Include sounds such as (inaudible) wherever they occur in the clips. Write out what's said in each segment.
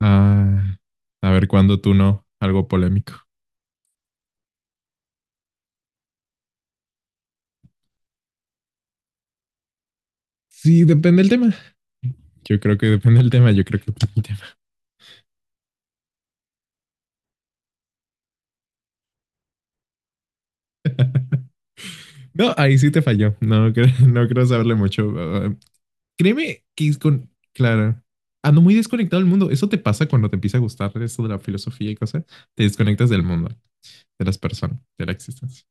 Ah, a ver cuándo tú no, algo polémico. Sí, depende del tema. Yo creo que depende del tema. Yo creo que depende del tema. No, ahí sí te falló. No, (laughs) no creo saberle mucho. Créeme que es con. Claro. Ando muy desconectado del mundo. Eso te pasa cuando te empieza a gustar eso de la filosofía y cosas. Te desconectas del mundo, de las personas, de la existencia.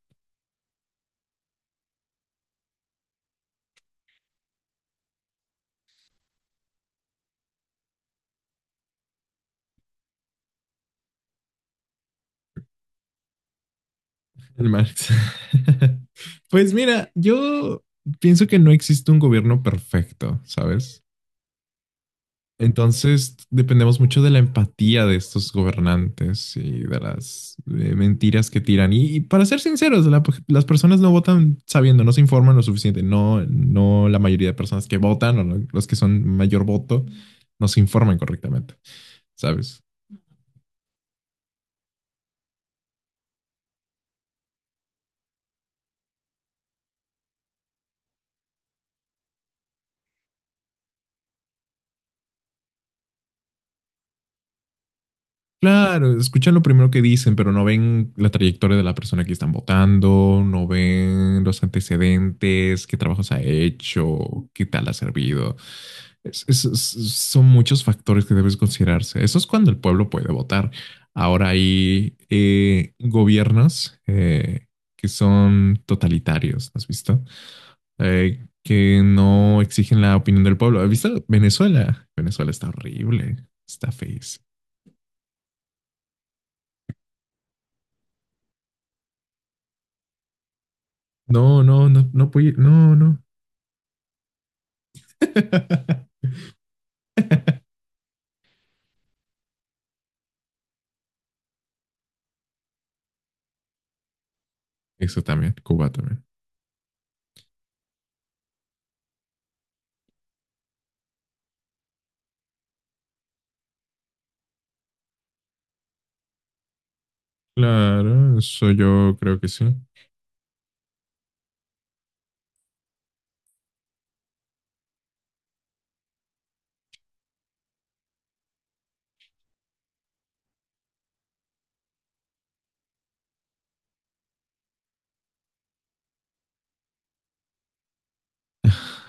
El Marx. (laughs) Pues mira, yo pienso que no existe un gobierno perfecto, ¿sabes? Entonces, dependemos mucho de la empatía de estos gobernantes y de las mentiras que tiran. Y para ser sinceros, las personas no votan sabiendo, no se informan lo suficiente. No, no la mayoría de personas que votan o los que son mayor voto no se informan correctamente, ¿sabes? Claro, escuchan lo primero que dicen, pero no ven la trayectoria de la persona que están votando, no ven los antecedentes, qué trabajos ha hecho, qué tal ha servido. Es- es- es- Son muchos factores que debes considerarse. Eso es cuando el pueblo puede votar. Ahora hay gobiernos que son totalitarios, ¿has visto? Que no exigen la opinión del pueblo. ¿Has visto Venezuela? Venezuela está horrible, está feísimo. No, no, no, no puede, no, no. (laughs) Eso también, Cuba también. Claro, eso yo creo que sí.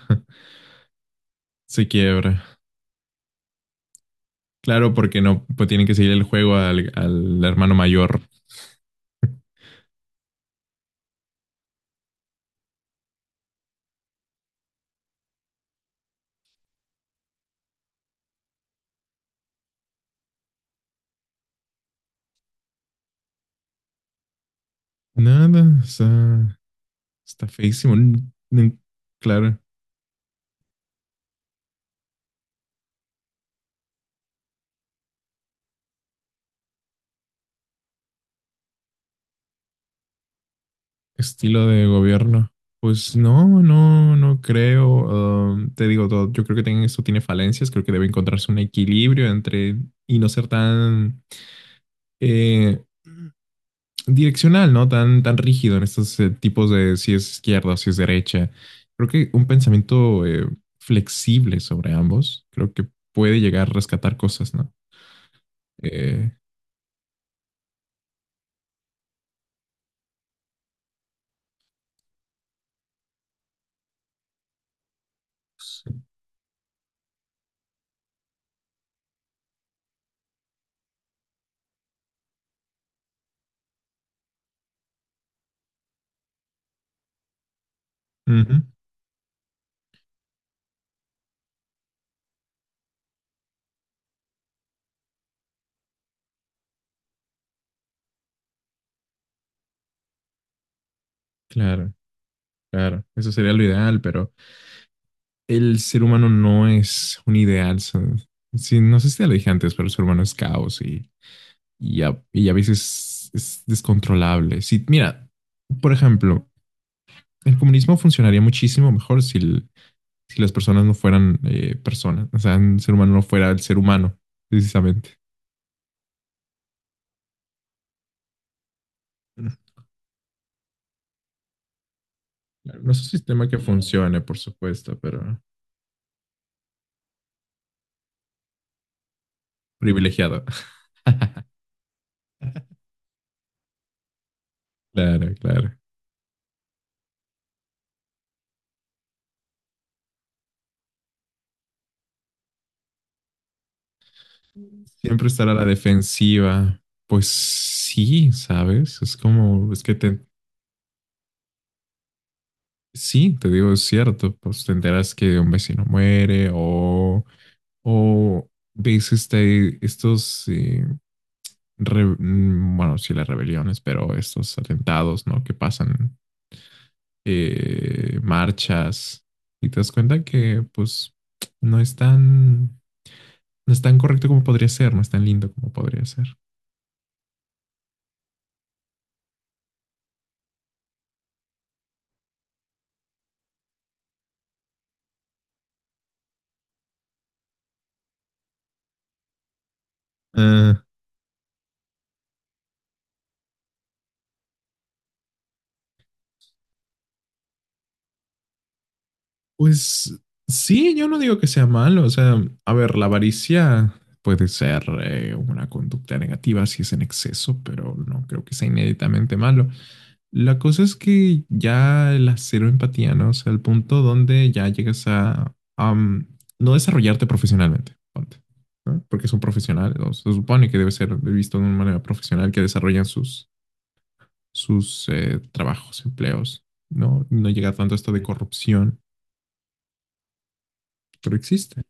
(laughs) Se quiebra. Claro, porque no, pues tienen que seguir el juego al hermano mayor. (laughs) Nada, o sea, está feísimo. Claro. Estilo de gobierno. Pues no, no, no creo. Te digo todo, yo creo que esto tiene falencias, creo que debe encontrarse un equilibrio entre y no ser tan eh, direccional, ¿no? Tan rígido en estos tipos de si es izquierda o si es derecha. Creo que un pensamiento flexible sobre ambos, creo que puede llegar a rescatar cosas, ¿no? Eh, Ujú, claro, claro, eso sería lo ideal, pero el ser humano no es un ideal. Sí, no sé si te lo dije antes, pero el ser humano es caos y y a veces es descontrolable. Sí, mira, por ejemplo, el comunismo funcionaría muchísimo mejor si las personas no fueran personas, o sea, el ser humano no fuera el ser humano, precisamente. Claro, no es un sistema que funcione, por supuesto, pero privilegiado. (laughs) Claro, claro. Siempre estar a la defensiva. Pues sí, ¿sabes? Es como, es que te, Sí, te digo, es cierto, pues te enteras que un vecino muere o ves bueno, sí las rebeliones, pero estos atentados, ¿no? Que pasan marchas y te das cuenta que pues no es tan, no es tan correcto como podría ser, no es tan lindo como podría ser. Pues sí, yo no digo que sea malo. O sea, a ver, la avaricia puede ser una conducta negativa si es en exceso, pero no creo que sea inéditamente malo. La cosa es que ya la cero empatía, ¿no? O sea, el punto donde ya llegas a no desarrollarte profesionalmente, ponte, ¿no? Porque es un profesional, o se supone que debe ser visto de una manera profesional que desarrollan sus trabajos, empleos, ¿no? No llega tanto a esto de corrupción, pero existe.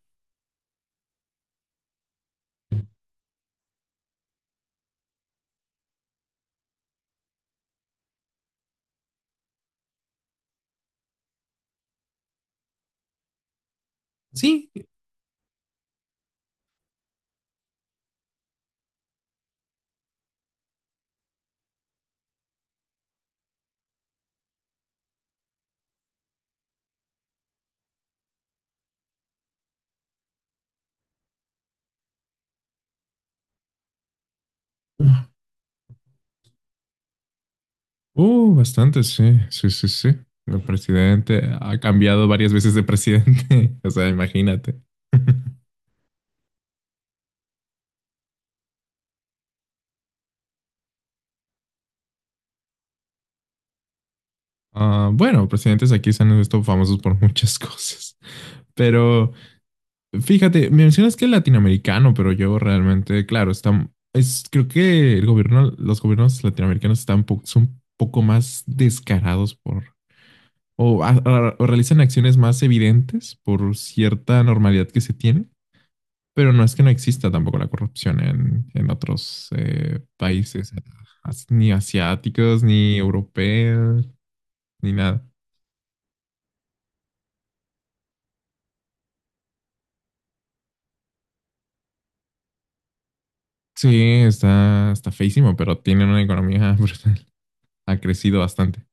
Sí, uh, bastante, sí, sí, sí, sí. El presidente ha cambiado varias veces de presidente, (laughs) o sea, imagínate. (laughs) Ah, bueno, presidentes aquí se han visto famosos por muchas (laughs) cosas, pero fíjate, mencionas que es latinoamericano, pero yo realmente, claro, está, es, creo que el gobierno, los gobiernos latinoamericanos están son un poco más descarados por, o, o realizan acciones más evidentes por cierta normalidad que se tiene. Pero no es que no exista tampoco la corrupción en otros países, ni asiáticos, ni europeos, ni nada. Sí, está, está feísimo, pero tiene una economía (laughs) brutal. Ha crecido bastante.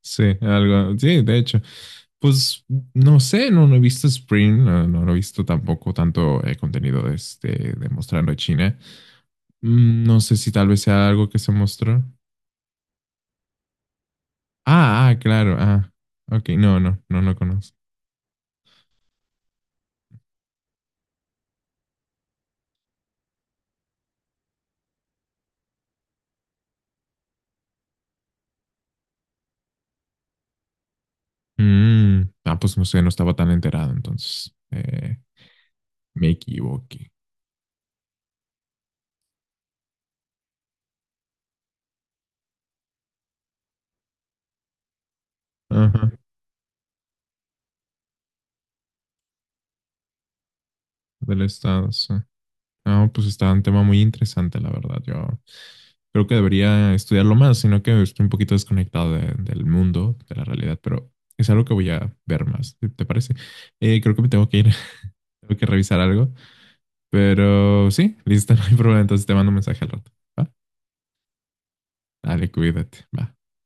Sí, algo, sí, de hecho. Pues no sé, no, no he visto Spring, no, no, no he visto tampoco tanto contenido de, este, de mostrando China. No sé si tal vez sea algo que se mostró. Ah, ah, claro, ah, ok, no, no, no, no conozco. Mm, ah, pues no sé, no estaba tan enterado, entonces me equivoqué. Ajá, del estado, sí. Ah, pues está un tema muy interesante, la verdad. Yo creo que debería estudiarlo más, sino que estoy un poquito desconectado del mundo, de la realidad, pero es algo que voy a ver más, te parece? Creo que me tengo que ir, (laughs) tengo que revisar algo, pero sí, listo, (laughs) no hay problema, entonces te mando un mensaje al rato. ¿Va? Dale, cuídate, va.